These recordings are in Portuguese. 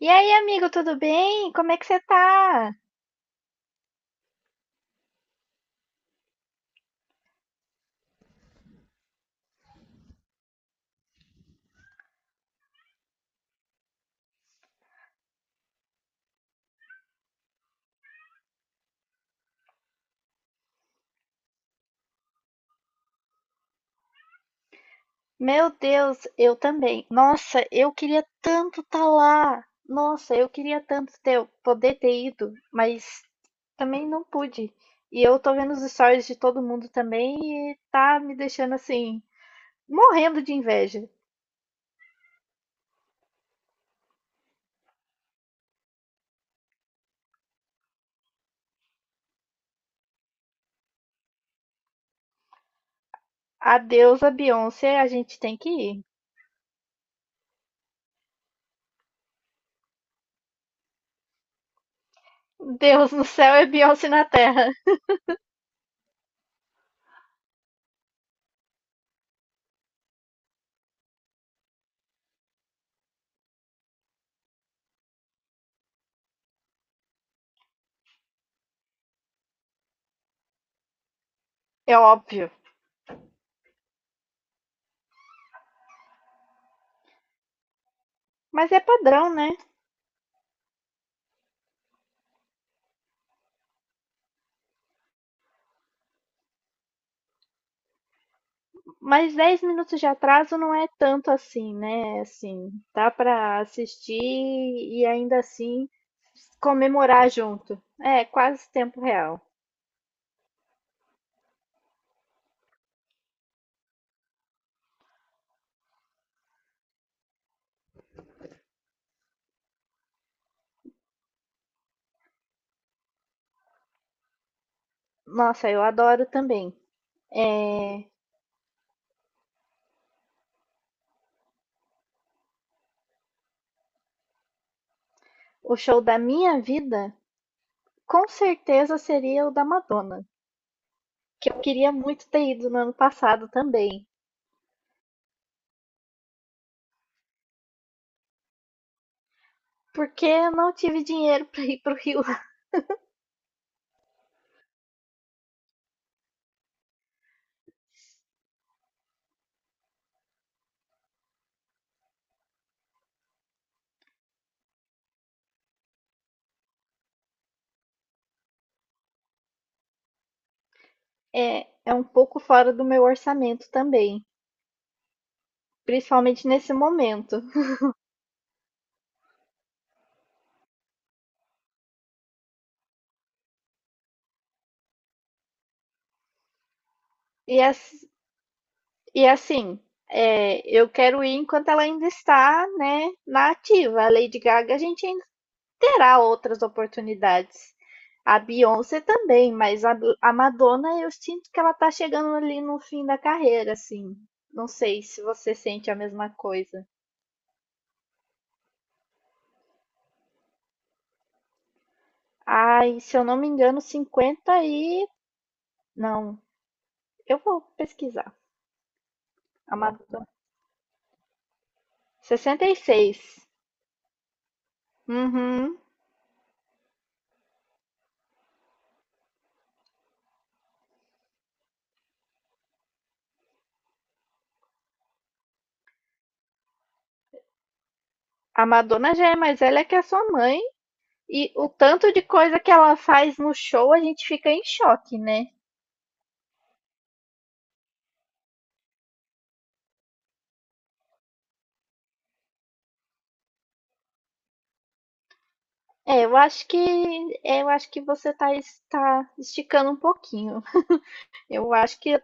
E aí, amigo, tudo bem? Como é que você tá? Meu Deus, eu também. Nossa, eu queria tanto estar lá. Nossa, eu queria tanto poder ter ido, mas também não pude. E eu tô vendo os stories de todo mundo também e tá me deixando assim, morrendo de inveja. Adeus a Beyoncé, a gente tem que ir. Deus no céu é Beyoncé na terra. É óbvio. Mas é padrão, né? Mas 10 minutos de atraso não é tanto assim, né? Assim, dá pra assistir e ainda assim comemorar junto. É, quase tempo real. Nossa, eu adoro também. O show da minha vida, com certeza seria o da Madonna, que eu queria muito ter ido no ano passado também, porque eu não tive dinheiro para ir pro Rio. É, é um pouco fora do meu orçamento também, principalmente nesse momento. E as- E assim, eu quero ir enquanto ela ainda está, né, na ativa. A Lady Gaga, a gente ainda terá outras oportunidades. A Beyoncé também, mas a Madonna, eu sinto que ela tá chegando ali no fim da carreira, assim. Não sei se você sente a mesma coisa. Ai, se eu não me engano, 50 e. Não, eu vou pesquisar. A Madonna. 66. Uhum. A Madonna já é mais velha que a sua mãe. E o tanto de coisa que ela faz no show, a gente fica em choque, né? É, eu acho que você tá, tá esticando um pouquinho. Eu acho que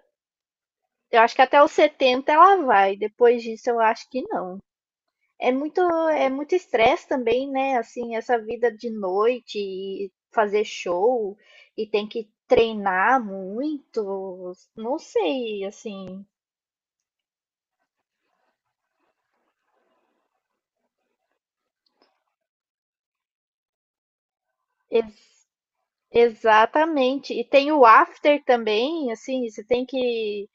eu acho que até os 70 ela vai. Depois disso eu acho que não. É muito É muito estresse também, né? Assim, essa vida de noite e fazer show e tem que treinar muito. Não sei, assim, ex- exatamente. E tem o after também, assim, você tem que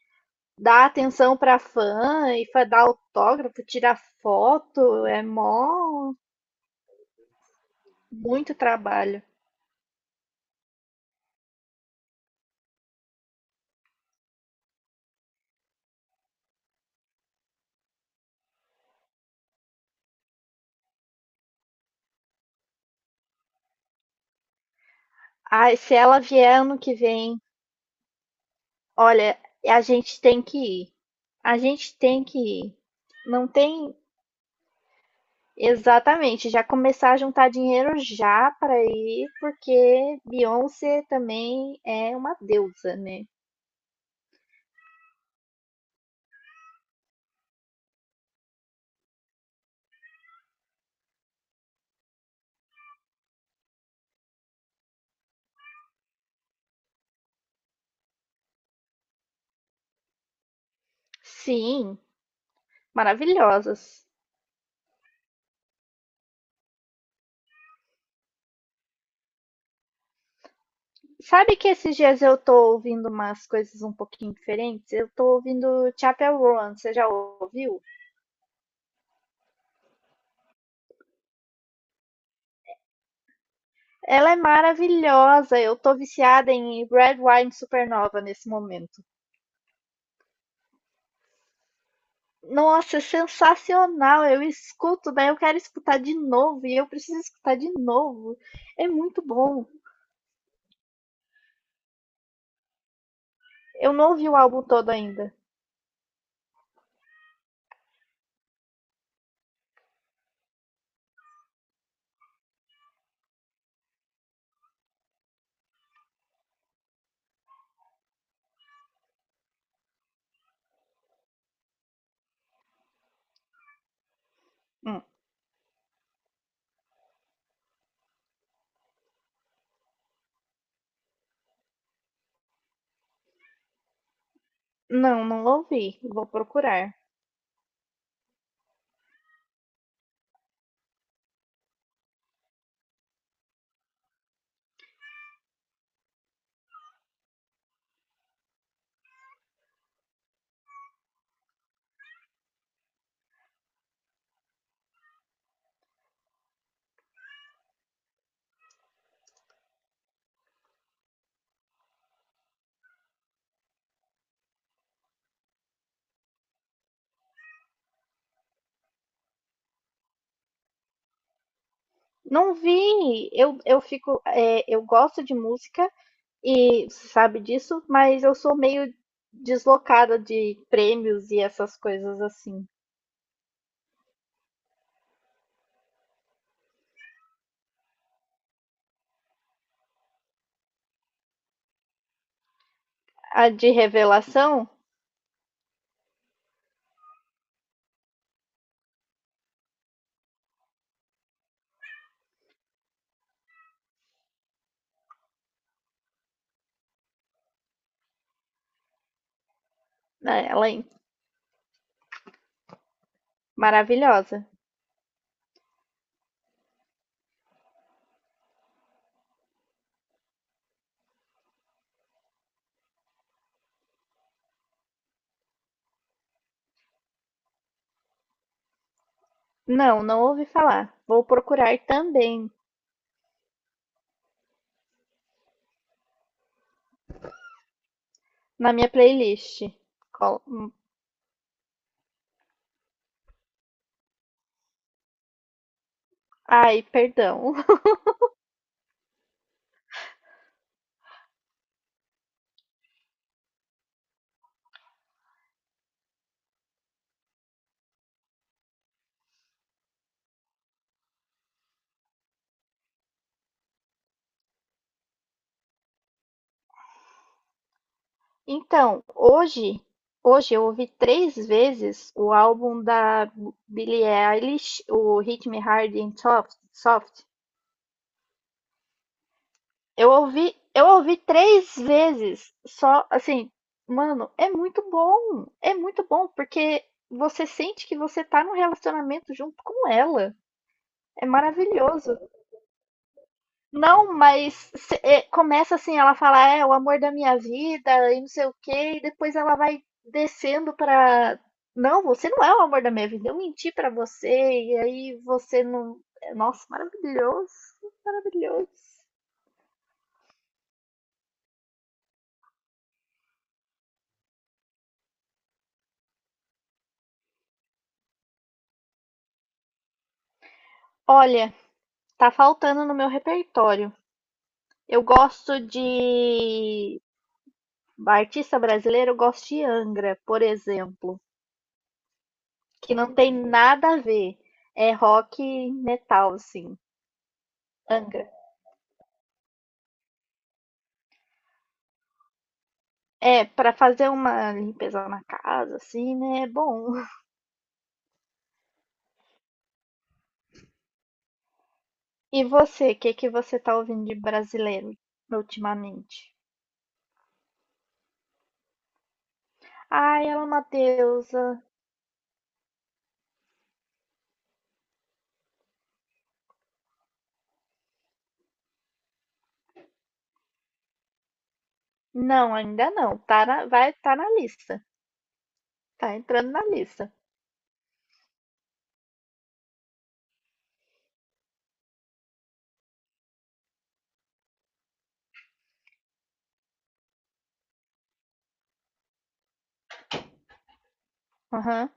dar atenção pra fã e dá autógrafo, tirar foto, é mó muito trabalho. Ai, se ela vier ano que vem, olha, a gente tem que ir. A gente tem que ir. Não tem exatamente, já começar a juntar dinheiro já para ir, porque Beyoncé também é uma deusa, né? Sim, maravilhosas. Sabe que esses dias eu tô ouvindo umas coisas um pouquinho diferentes? Eu tô ouvindo Chapel Roan, você já ouviu? Ela é maravilhosa, eu tô viciada em Red Wine Supernova nesse momento. Nossa, é sensacional! Eu escuto, daí eu quero escutar de novo e eu preciso escutar de novo. É muito bom. Eu não ouvi o álbum todo ainda. Hum, Não, não ouvi. Vou procurar. Não vi. Eu fico, eu gosto de música. E você sabe disso, mas eu sou meio deslocada de prêmios e essas coisas assim. A de revelação, né, ela é maravilhosa. Não, não ouvi falar. Vou procurar também na minha playlist. Col- Ai, perdão. Então, hoje eu ouvi três vezes o álbum da Billie Eilish, o Hit Me Hard and Soft. Eu ouvi três vezes, só assim, mano, é muito bom. É muito bom porque você sente que você tá num relacionamento junto com ela. É maravilhoso. Não, mas é, começa assim, ela fala, é o amor da minha vida e não sei o quê, e depois ela vai descendo pra. Não, você não é o amor da minha vida. Eu menti pra você e aí você não. Nossa, maravilhoso, maravilhoso. Olha, tá faltando no meu repertório. Eu gosto de artista brasileiro, eu gosto de Angra, por exemplo, que não tem nada a ver. É rock e metal, assim. Angra. É, pra fazer uma limpeza na casa, assim, né? É bom. E você, o que que você tá ouvindo de brasileiro ultimamente? Ai, ela é uma deusa. Não, ainda não. Tá na, vai, tá na lista. Tá entrando na lista. Aham.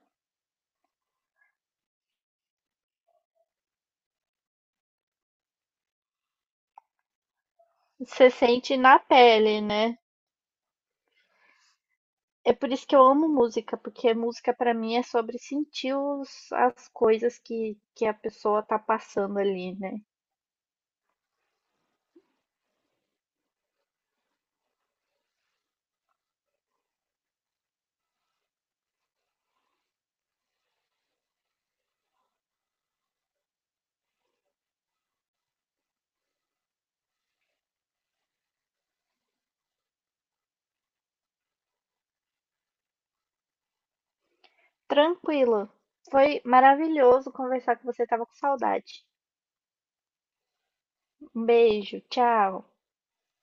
Você sente na pele, né? É por isso que eu amo música, porque música pra mim é sobre sentir as coisas que a pessoa tá passando ali, né? Tranquilo. Foi maravilhoso conversar com você, tava com saudade. Um beijo, tchau.